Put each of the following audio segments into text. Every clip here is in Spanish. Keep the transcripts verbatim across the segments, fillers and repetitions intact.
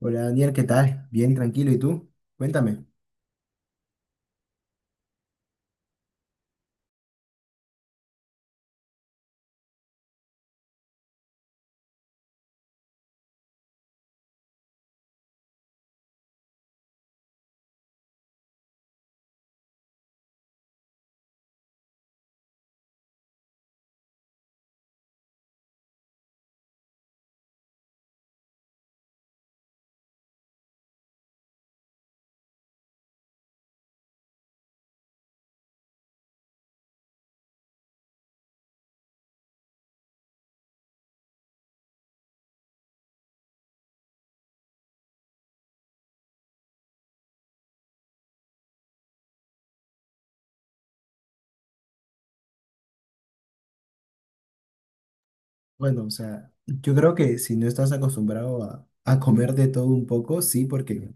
Hola Daniel, ¿qué tal? Bien, tranquilo. ¿Y tú? Cuéntame. Bueno, o sea, yo creo que si no estás acostumbrado a, a comer de todo un poco, sí, porque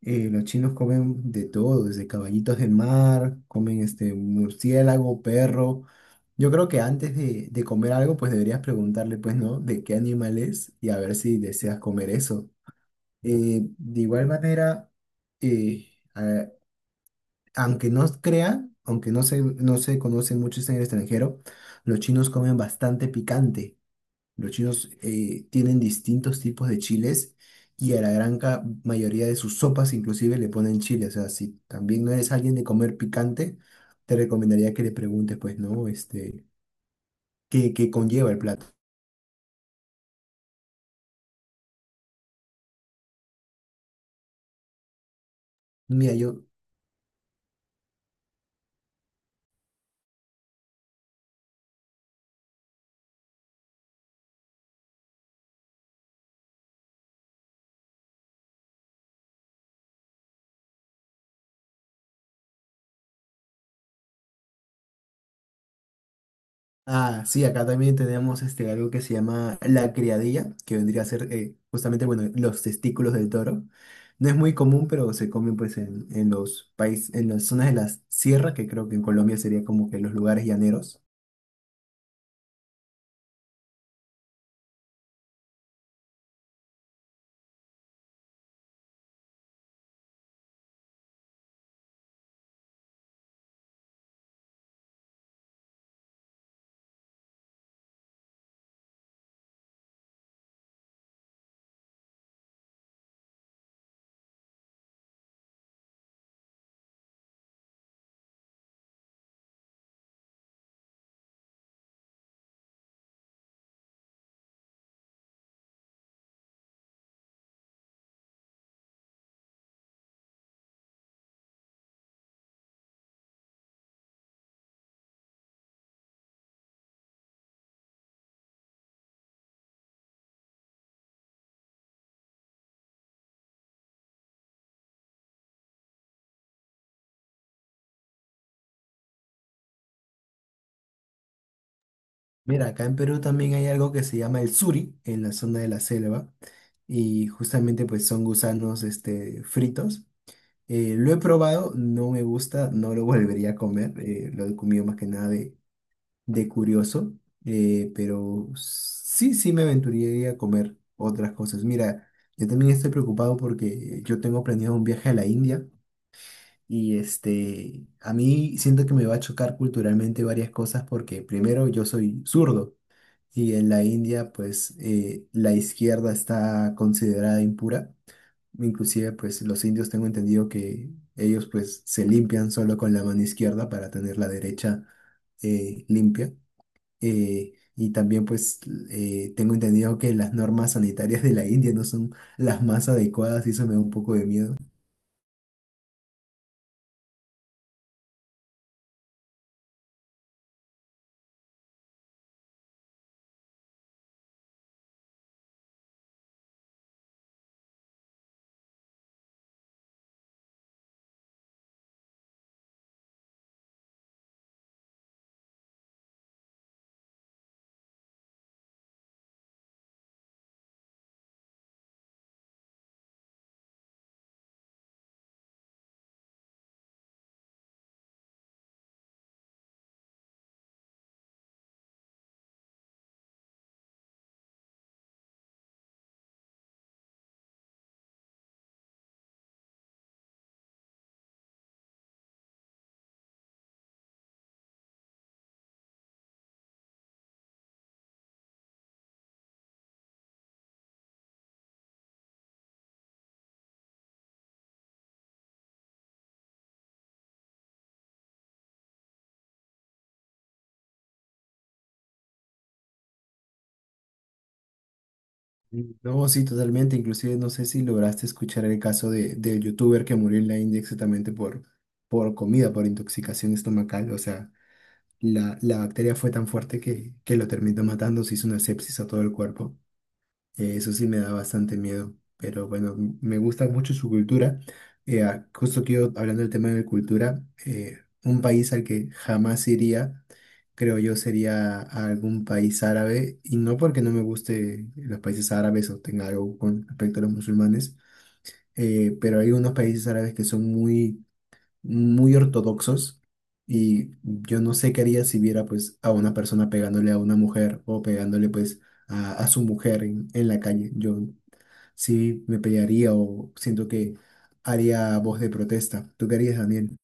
eh, los chinos comen de todo, desde caballitos de mar, comen este murciélago, perro. Yo creo que antes de, de comer algo, pues deberías preguntarle, pues, ¿no? ¿De qué animal es? Y a ver si deseas comer eso. Eh, de igual manera, eh, a- aunque no crean, aunque no se, no se conocen muchos en el extranjero, los chinos comen bastante picante. Los chinos eh, tienen distintos tipos de chiles y a la gran ca- mayoría de sus sopas inclusive le ponen chile. O sea, si también no eres alguien de comer picante, te recomendaría que le preguntes, pues, ¿no? Este, ¿qué, qué conlleva el plato? Mira, yo. Ah, sí, acá también tenemos este, algo que se llama la criadilla, que vendría a ser eh, justamente, bueno, los testículos del toro. No es muy común, pero se comen pues en, en los países, en las zonas de la sierra, que creo que en Colombia sería como que los lugares llaneros. Mira, acá en Perú también hay algo que se llama el suri, en la zona de la selva, y justamente pues son gusanos este, fritos. Eh, lo he probado, no me gusta, no lo volvería a comer, eh, lo he comido más que nada de curioso, eh, pero sí, sí me aventuraría a comer otras cosas. Mira, yo también estoy preocupado porque yo tengo planeado un viaje a la India y este, a mí siento que me va a chocar culturalmente varias cosas porque primero yo soy zurdo y en la India pues eh, la izquierda está considerada impura. Inclusive pues los indios tengo entendido que ellos pues se limpian solo con la mano izquierda para tener la derecha eh, limpia. Eh, y también pues eh, tengo entendido que las normas sanitarias de la India no son las más adecuadas y eso me da un poco de miedo. No, sí, totalmente. Inclusive no sé si lograste escuchar el caso de, del youtuber que murió en la India exactamente por, por comida, por intoxicación estomacal. O sea, la, la bacteria fue tan fuerte que, que lo terminó matando, se hizo una sepsis a todo el cuerpo. Eh, Eso sí me da bastante miedo, pero bueno, m- me gusta mucho su cultura. Eh, ah, justo que yo, hablando del tema de cultura, eh, un país al que jamás iría, creo yo, sería a algún país árabe, y no porque no me guste los países árabes o tenga algo con respecto a los musulmanes, eh, pero hay unos países árabes que son muy muy ortodoxos y yo no sé qué haría si viera pues a una persona pegándole a una mujer o pegándole pues a, a su mujer en, en la calle. Yo sí me pelearía o siento que haría voz de protesta. ¿Tú qué harías, Daniel?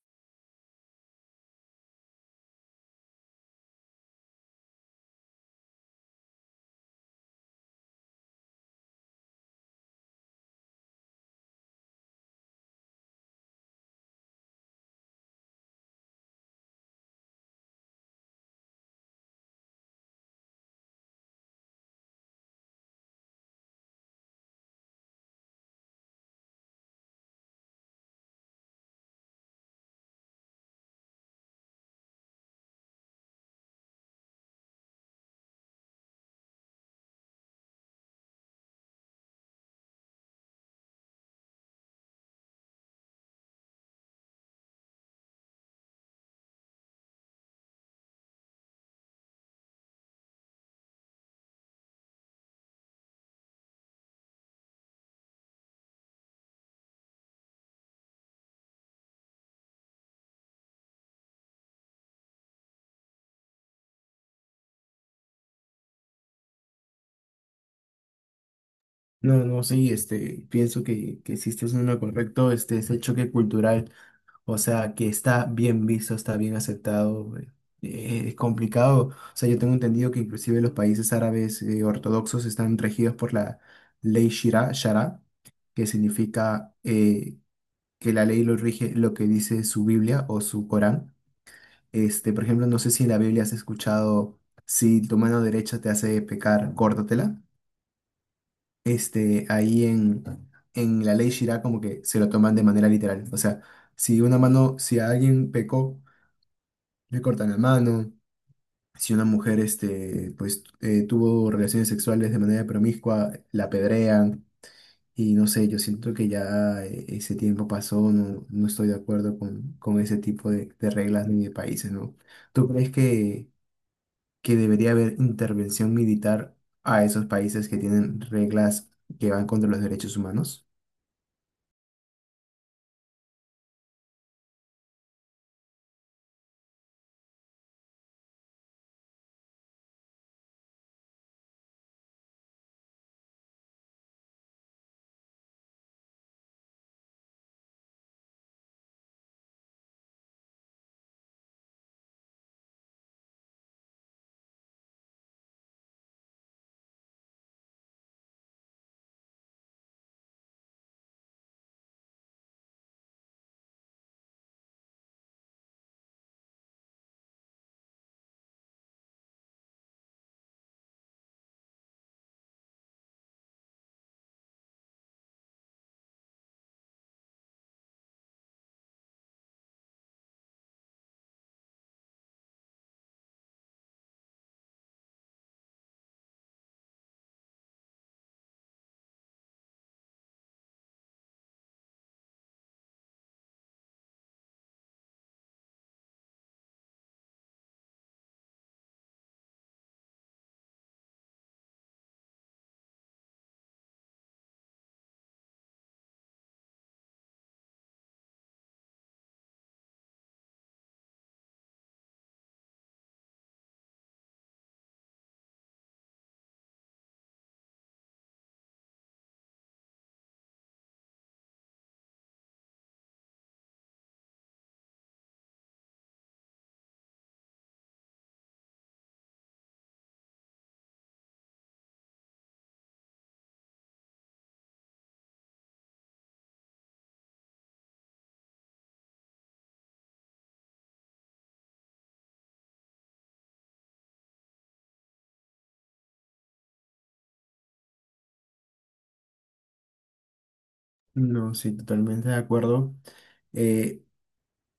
No, no, sí, este, pienso que, que sí estás en lo correcto, este, ese choque cultural. O sea, que está bien visto, está bien aceptado. eh, eh, Es complicado. O sea, yo tengo entendido que inclusive los países árabes eh, ortodoxos están regidos por la ley Shira, Shara, que significa eh, que la ley lo rige lo que dice su Biblia o su Corán. Este, por ejemplo, no sé si en la Biblia has escuchado, si tu mano derecha te hace pecar, córtatela. Este, ahí en, en la ley Shira como que se lo toman de manera literal. O sea, si una mano, si alguien pecó le cortan la mano. Si una mujer este, pues, eh, tuvo relaciones sexuales de manera promiscua, la apedrean. Y no sé, yo siento que ya eh, ese tiempo pasó, no, no estoy de acuerdo con, con ese tipo de, de reglas ni de países, ¿no? ¿Tú crees que, que debería haber intervención militar a esos países que tienen reglas que van contra los derechos humanos? No, sí, totalmente de acuerdo. Eh,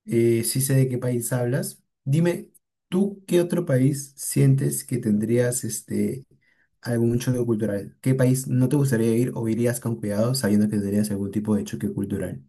Eh, sí sé de qué país hablas. Dime, ¿tú qué otro país sientes que tendrías este algún choque cultural? ¿Qué país no te gustaría ir o irías con cuidado sabiendo que tendrías algún tipo de choque cultural?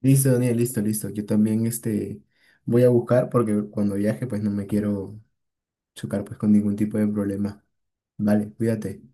Listo, Daniel, listo, listo. Yo también este voy a buscar porque cuando viaje pues no me quiero chocar pues con ningún tipo de problema. Vale, cuídate.